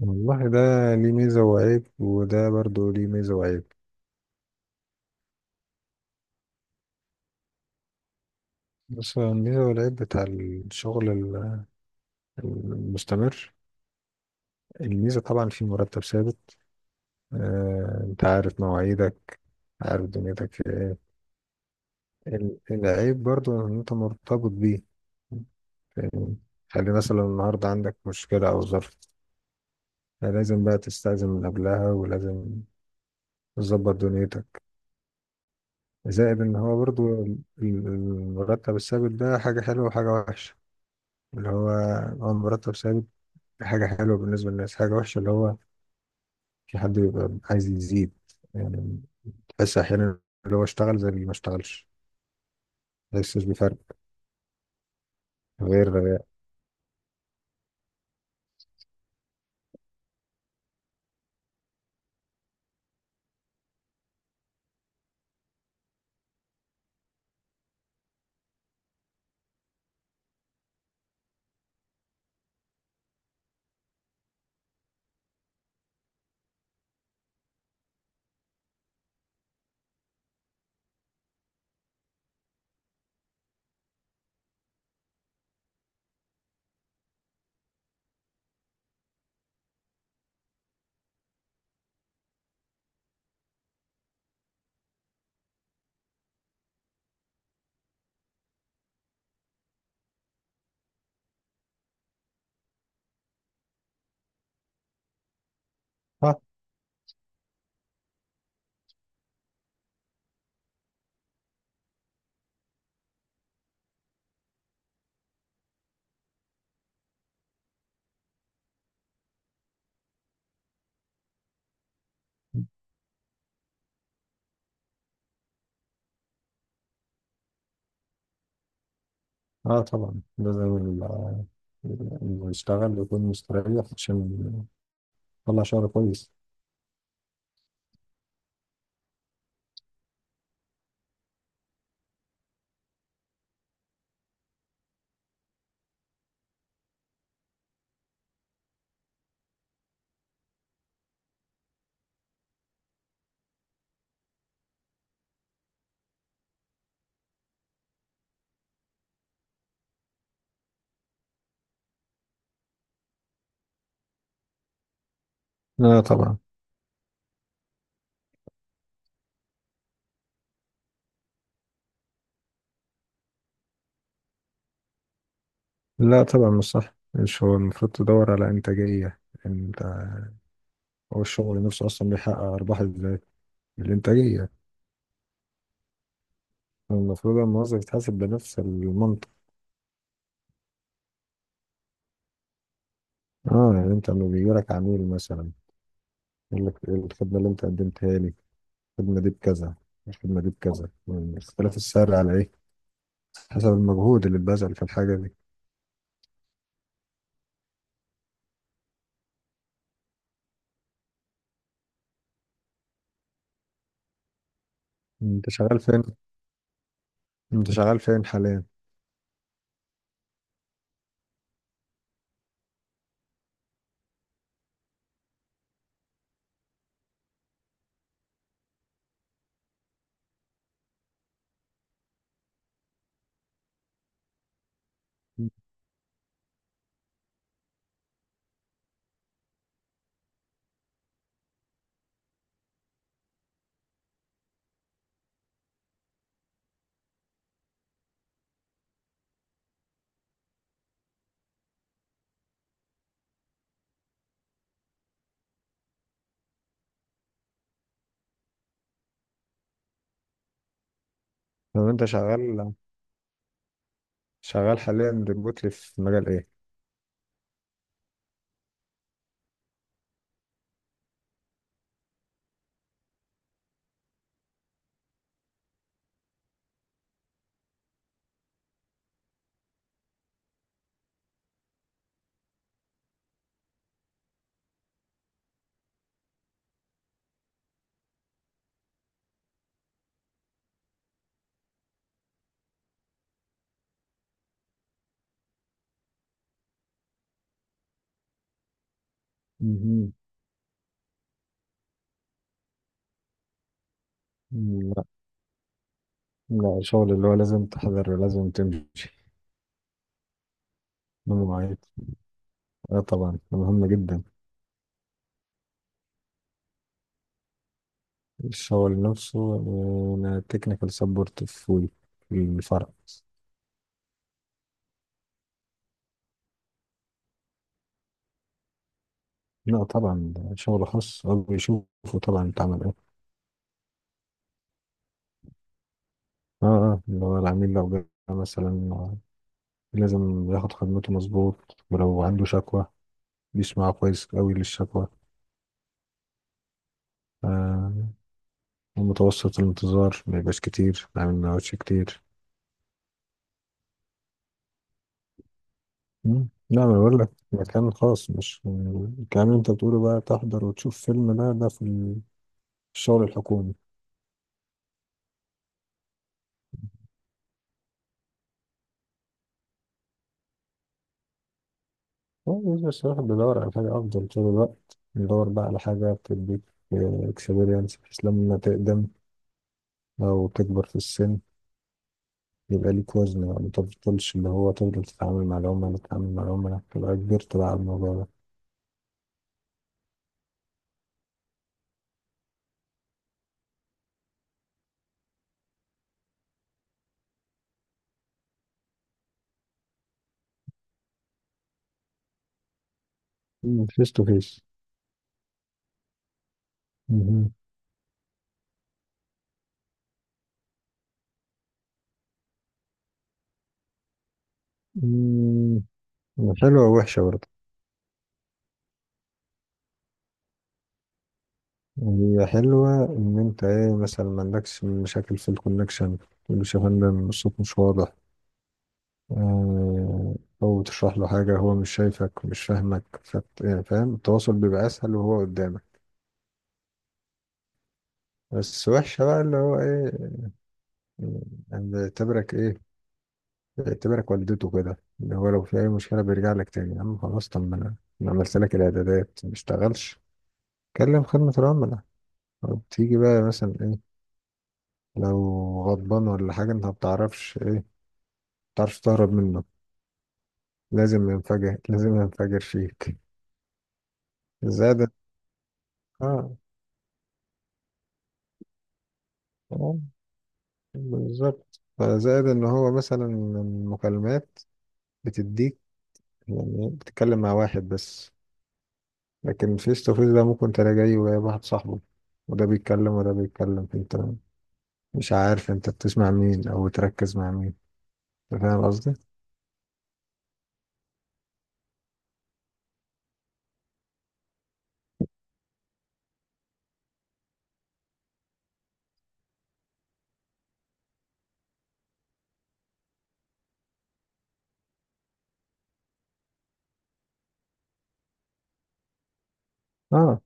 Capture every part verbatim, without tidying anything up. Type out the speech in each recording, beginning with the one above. والله ده ليه ميزة وعيب، وده برضو ليه ميزة وعيب. بس الميزة والعيب بتاع الشغل ال- المستمر، الميزة طبعا في مرتب ثابت. آه، انت عارف مواعيدك، عارف دنيتك في ايه. ال- العيب برضو ان انت مرتبط بيه. فاهمني؟ خلي مثلا النهاردة عندك مشكلة او ظرف، لازم بقى تستأذن من قبلها، ولازم تظبط دنيتك. زائد ان هو برضو ال- ال- المرتب الثابت ده حاجة حلوة وحاجة وحشة. اللي هو هو مرتب ثابت، دي حاجة حلوة بالنسبة للناس. حاجة وحشة اللي هو في حد بيبقى عايز يزيد، يعني تحس أحيانا اللي هو اشتغل زي اللي ما اشتغلش، ما يحسش بفرق. غير. اه اه، طبعا ده زي ال- اللي يشتغل يكون مستريح عشان يطلع شغل كويس. لا طبعا. لا طبعا مش صح، مش هو المفروض تدور على إنتاجية انت؟ هو الشغل نفسه أصلا بيحقق أرباح ازاي؟ بالإنتاجية. المفروض الموظف يتحاسب بنفس المنطق. اه، يعني انت لما بيجيلك عميل مثلا يقول لك إيه الخدمة اللي أنت قدمتها لي، الخدمة دي بكذا، الخدمة دي بكذا، اختلاف السعر على إيه؟ حسب المجهود اللي اتبذل في الحاجة دي. أنت شغال فين أنت شغال فين حاليا؟ طب أنت شغال شغال حاليا ريموتلي في مجال إيه؟ مهم. لا لا، الشغل اللي هو لازم تحضر، لازم تمشي من مواعيد. اه طبعا ده مهم جدا. الشغل نفسه، آه، انا تكنيكال سبورت في في الفرع. لا طبعا، ده شغل خاص، هو بيشوفه طبعا اتعمل. اه اه، اللي هو العميل لو جه مثلا آه، لازم ياخد خدمته مظبوط، ولو عنده شكوى بيسمع كويس قوي للشكوى. آه. ومتوسط الانتظار ما يبقاش كتير، يعني ما يقعدش كتير. مم. لا انا بقول لك مكان خاص، مش الكلام اللي انت بتقوله بقى تحضر وتشوف فيلم، ده ده في الشغل الحكومي. هو بس الواحد بيدور على حاجة أفضل طول الوقت، بيدور بقى على حاجة بتديك اكسبيرينس بحيث لما تقدم أو تكبر في السن يبقى ليك وزن بقى، ما تفضلش اللي هو تفضل تتعامل مع العملاء تتعامل مع العملاء، تبقى كبرت بقى على الموضوع ده. فيس تو فيس حلوة ووحشة برضه. هي حلوة إن أنت إيه مثلا ما عندكش مشاكل في الكونكشن، مش يا فندم الصوت مش واضح. آه، أو تشرح له حاجة هو مش شايفك مش فاهمك، فت... يعني فاهم، التواصل بيبقى أسهل وهو قدامك. بس وحشة بقى اللي هو إيه، يعني بيعتبرك إيه، اعتبرك والدته كده، اللي هو لو في أي مشكلة بيرجع لك تاني، يا عم خلاص، طب ما أنا أنا عملت لك الإعدادات ما اشتغلش، كلم خدمة العملاء. أو تيجي بقى مثلا إيه لو غضبان ولا حاجة، أنت ما بتعرفش إيه، ما بتعرفش تهرب منه، لازم ينفجر، لازم ينفجر فيك. زائد. آه آه، بالظبط، فزائد إن هو مثلا المكالمات بتديك، يعني بتتكلم مع واحد بس، لكن فيس تو فيس ده ممكن تلاقي جاي وجايب واحد صاحبه، وده بيتكلم وده بيتكلم، انت مش عارف انت بتسمع مين او بتركز مع مين. أنت فاهم قصدي. اه.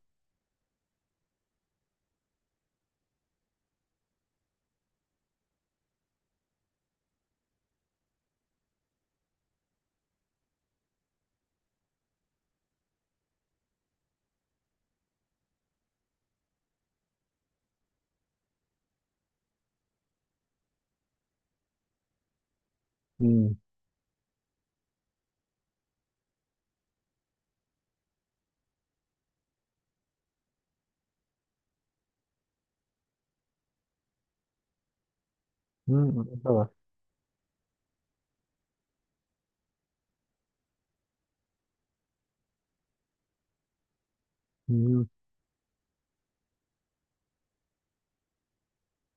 امم. مم، طبعا. مم،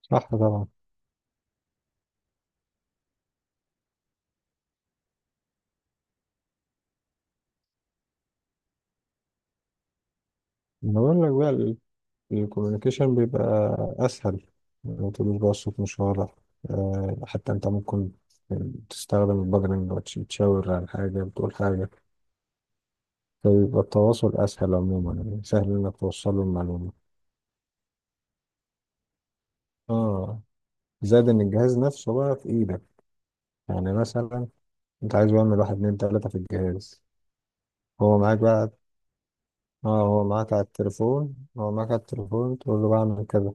صح طبعا. انا بقول لك بقى الكوميونيكيشن بيبقى اسهل، ما تقولوش بقى الصوت مش واضح، آه، حتى انت ممكن تستخدم البادرنج وتشاور على حاجة، بتقول حاجة، فبيبقى التواصل اسهل عموما، يعني سهل انك توصل له المعلومة. اه. زاد ان الجهاز نفسه بقى في ايدك، يعني مثلا انت عايز يعمل واحد اتنين تلاتة في الجهاز، هو معاك بقى. اه هو معاك على التليفون هو معاك على التليفون، تقول له بعمل كذا.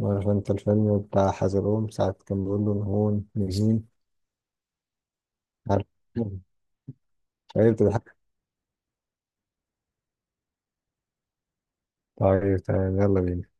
عارف انت الفيلم بتاع حزلقوم ساعة كان بيقول له هون نجين؟ عارف ايوه بتضحك. طيب تمام، يلا بينا.